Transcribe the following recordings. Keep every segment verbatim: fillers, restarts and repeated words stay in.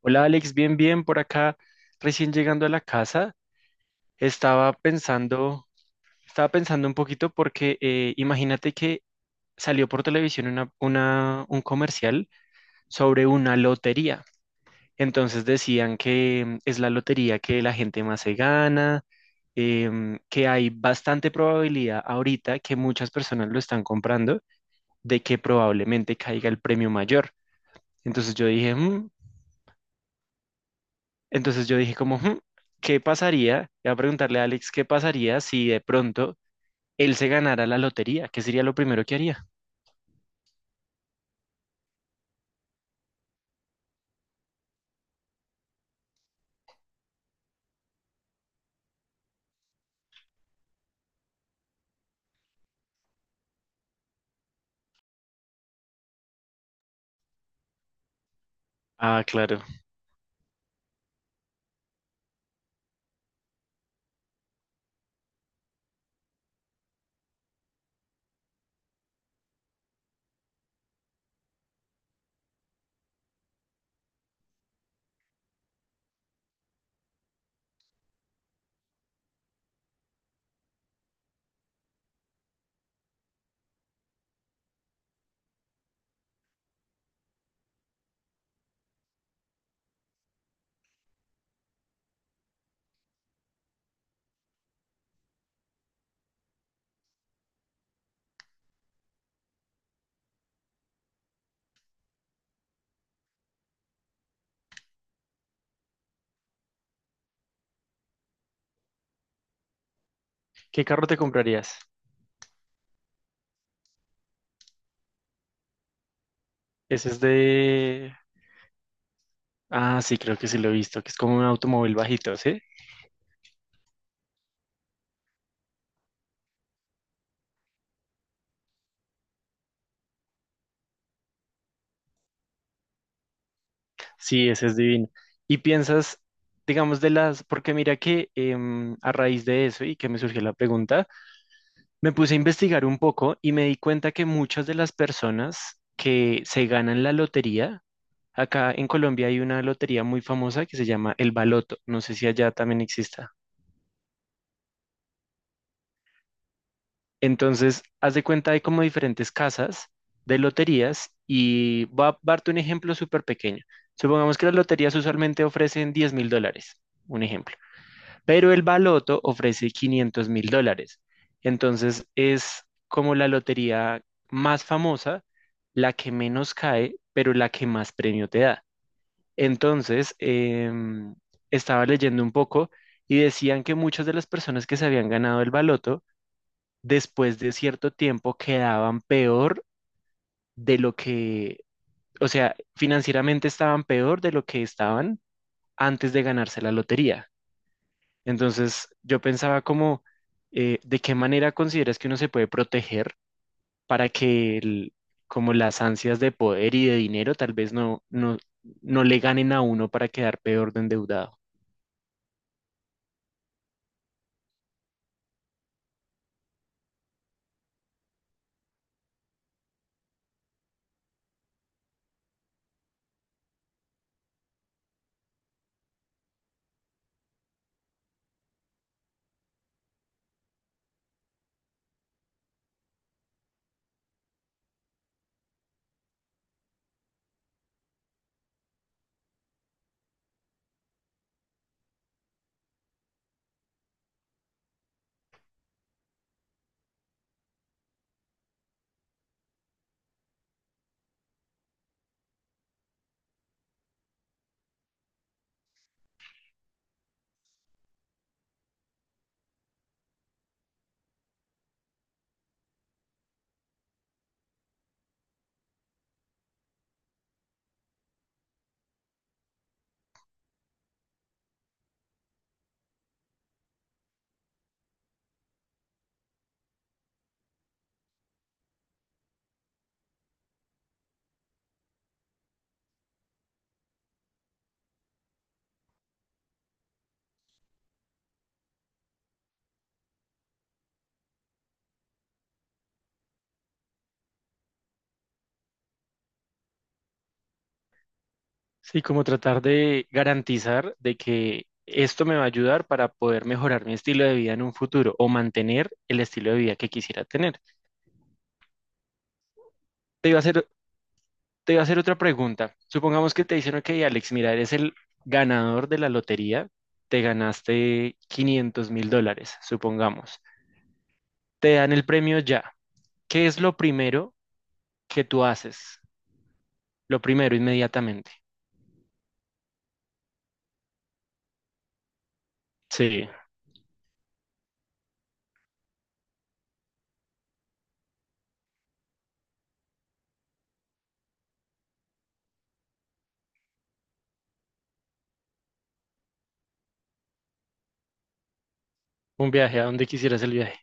Hola Alex, bien, bien por acá, recién llegando a la casa, estaba pensando, estaba pensando un poquito porque eh, imagínate que salió por televisión una, una- un comercial sobre una lotería. Entonces decían que mm, es la lotería que la gente más se gana, em, que hay bastante probabilidad ahorita que muchas personas lo están comprando de que probablemente caiga el premio mayor. Entonces yo dije, "Mm, Entonces yo dije como, "Hmm, ¿qué pasaría?" Voy a preguntarle a Alex, ¿qué pasaría si de pronto él se ganara la lotería? ¿Qué sería lo primero que haría? Ah, claro. ¿Qué carro te comprarías? Ese es de... Ah, sí, creo que sí lo he visto, que es como un automóvil bajito, ¿sí? Sí, ese es divino. Y piensas, digamos, de las... Porque mira que em, a raíz de eso y que me surgió la pregunta, me puse a investigar un poco y me di cuenta que muchas de las personas que se ganan la lotería, acá en Colombia hay una lotería muy famosa que se llama el Baloto. No sé si allá también exista. Entonces, haz de cuenta, hay como diferentes casas de loterías y va a darte un ejemplo súper pequeño. Supongamos que las loterías usualmente ofrecen diez mil dólares mil dólares, un ejemplo, pero el Baloto ofrece quinientos mil dólares mil dólares. Entonces, es como la lotería más famosa, la que menos cae, pero la que más premio te da. Entonces, em, estaba leyendo un poco y decían que muchas de las personas que se habían ganado el baloto, después de cierto tiempo quedaban peor de lo que, o sea, financieramente estaban peor de lo que estaban antes de ganarse la lotería. Entonces, yo pensaba como, eh, ¿de qué manera consideras que uno se puede proteger para que el- como las ansias de poder y de dinero tal vez no, no, no le ganen a uno para quedar peor de endeudado? Sí, como tratar de garantizar de que esto me va a ayudar para poder mejorar mi estilo de vida en un futuro o mantener el estilo de vida que quisiera tener. Te iba a hacer, te iba a hacer otra pregunta. Supongamos que te dicen, ok, Alex, mira, eres el ganador de la lotería, te ganaste quinientos mil dólares mil dólares, supongamos. Te dan el premio ya. ¿Qué es lo primero que tú haces? Lo primero, inmediatamente. Sí, un viaje, ¿a dónde quisieras el viaje?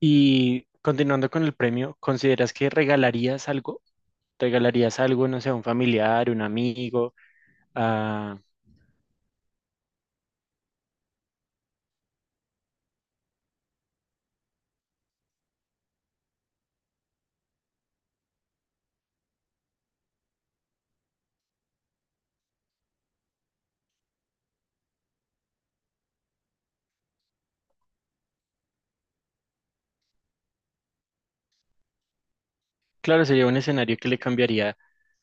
Y continuando con el premio, ¿consideras que regalarías algo? ¿Regalarías algo, no sé, a un familiar, un amigo? A- Claro, sería un escenario que le cambiaría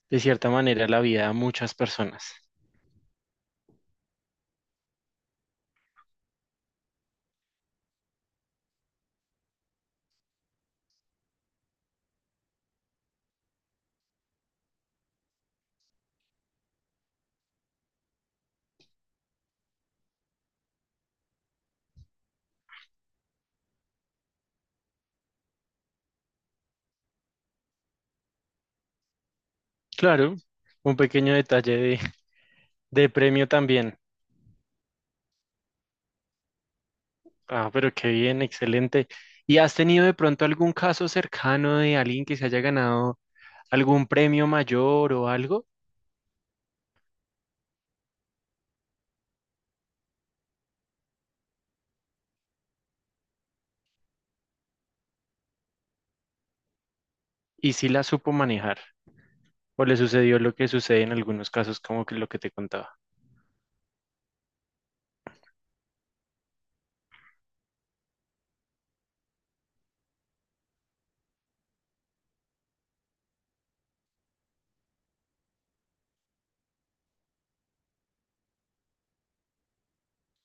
de cierta manera la vida a muchas personas. Claro, un pequeño detalle de, de premio también. Ah, pero qué bien, excelente. ¿Y has tenido de pronto algún caso cercano de alguien que se haya ganado algún premio mayor o algo? ¿Y si la supo manejar? ¿O le sucedió lo que sucede en algunos casos, como que lo que te contaba?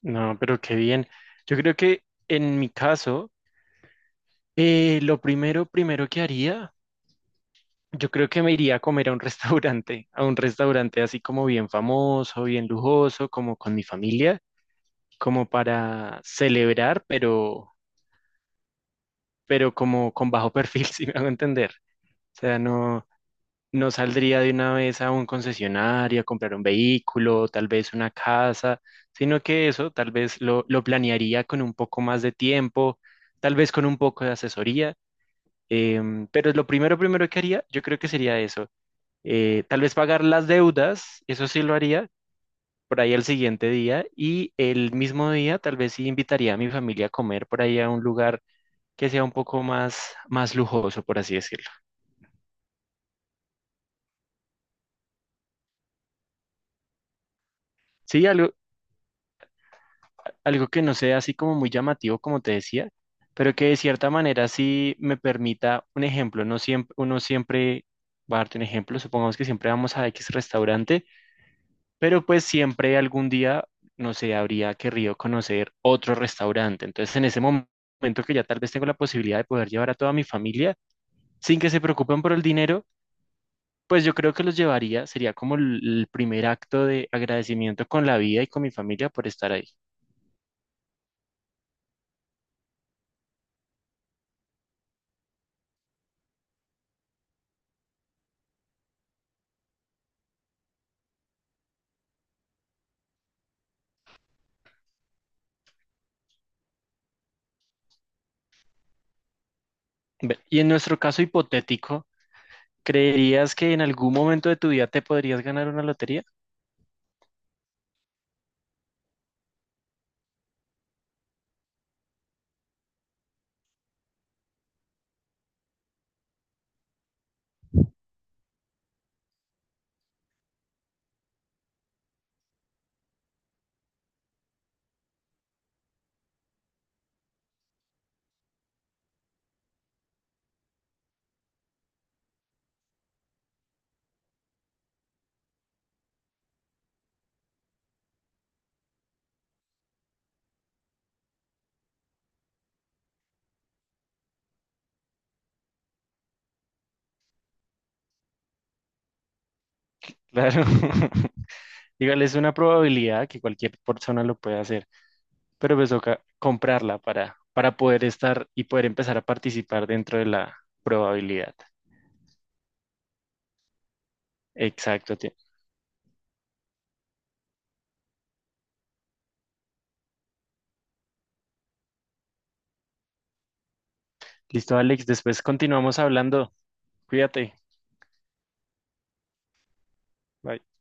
No, pero qué bien. Yo creo que en mi caso, eh, lo primero, primero que haría, yo creo que me iría a comer a un restaurante, a un restaurante así como bien famoso, bien lujoso, como con mi familia, como para celebrar, pero, pero como con bajo perfil, si me hago entender. O sea, no. No saldría de una vez a un concesionario a comprar un vehículo, tal vez una casa, sino que eso tal vez lo, lo planearía con un poco más de tiempo, tal vez con un poco de asesoría, em, pero lo primero, primero que haría, yo creo que sería eso, eh, tal vez pagar las deudas, eso sí lo haría. Por ahí al siguiente día y el mismo día tal vez sí invitaría a mi familia a comer por ahí a un lugar que sea un poco más, más lujoso, por así decirlo. Sí, algo, algo que no sea así como muy llamativo, como te decía, pero que de cierta manera sí me permita un ejemplo. No siempre, uno siempre va a darte un ejemplo, supongamos que siempre vamos a X restaurante, pero pues siempre algún día, no sé, habría querido conocer otro restaurante. Entonces, en ese mom- momento que ya tal vez tengo la posibilidad de poder llevar a toda mi familia sin que se preocupen por el dinero. Pues yo creo que los llevaría, sería como el el primer acto de agradecimiento con la vida y con mi familia por estar ahí. Ve- Y en nuestro caso hipotético, ¿creerías que en algún momento de tu vida te podrías ganar una lotería? Claro. Dígale, es una probabilidad que cualquier persona lo puede hacer, pero pues toca comprarla para, para poder estar y poder empezar a participar dentro de la probabilidad. Exacto. Te- Listo, Alex. Después continuamos hablando. Cuídate. Bye.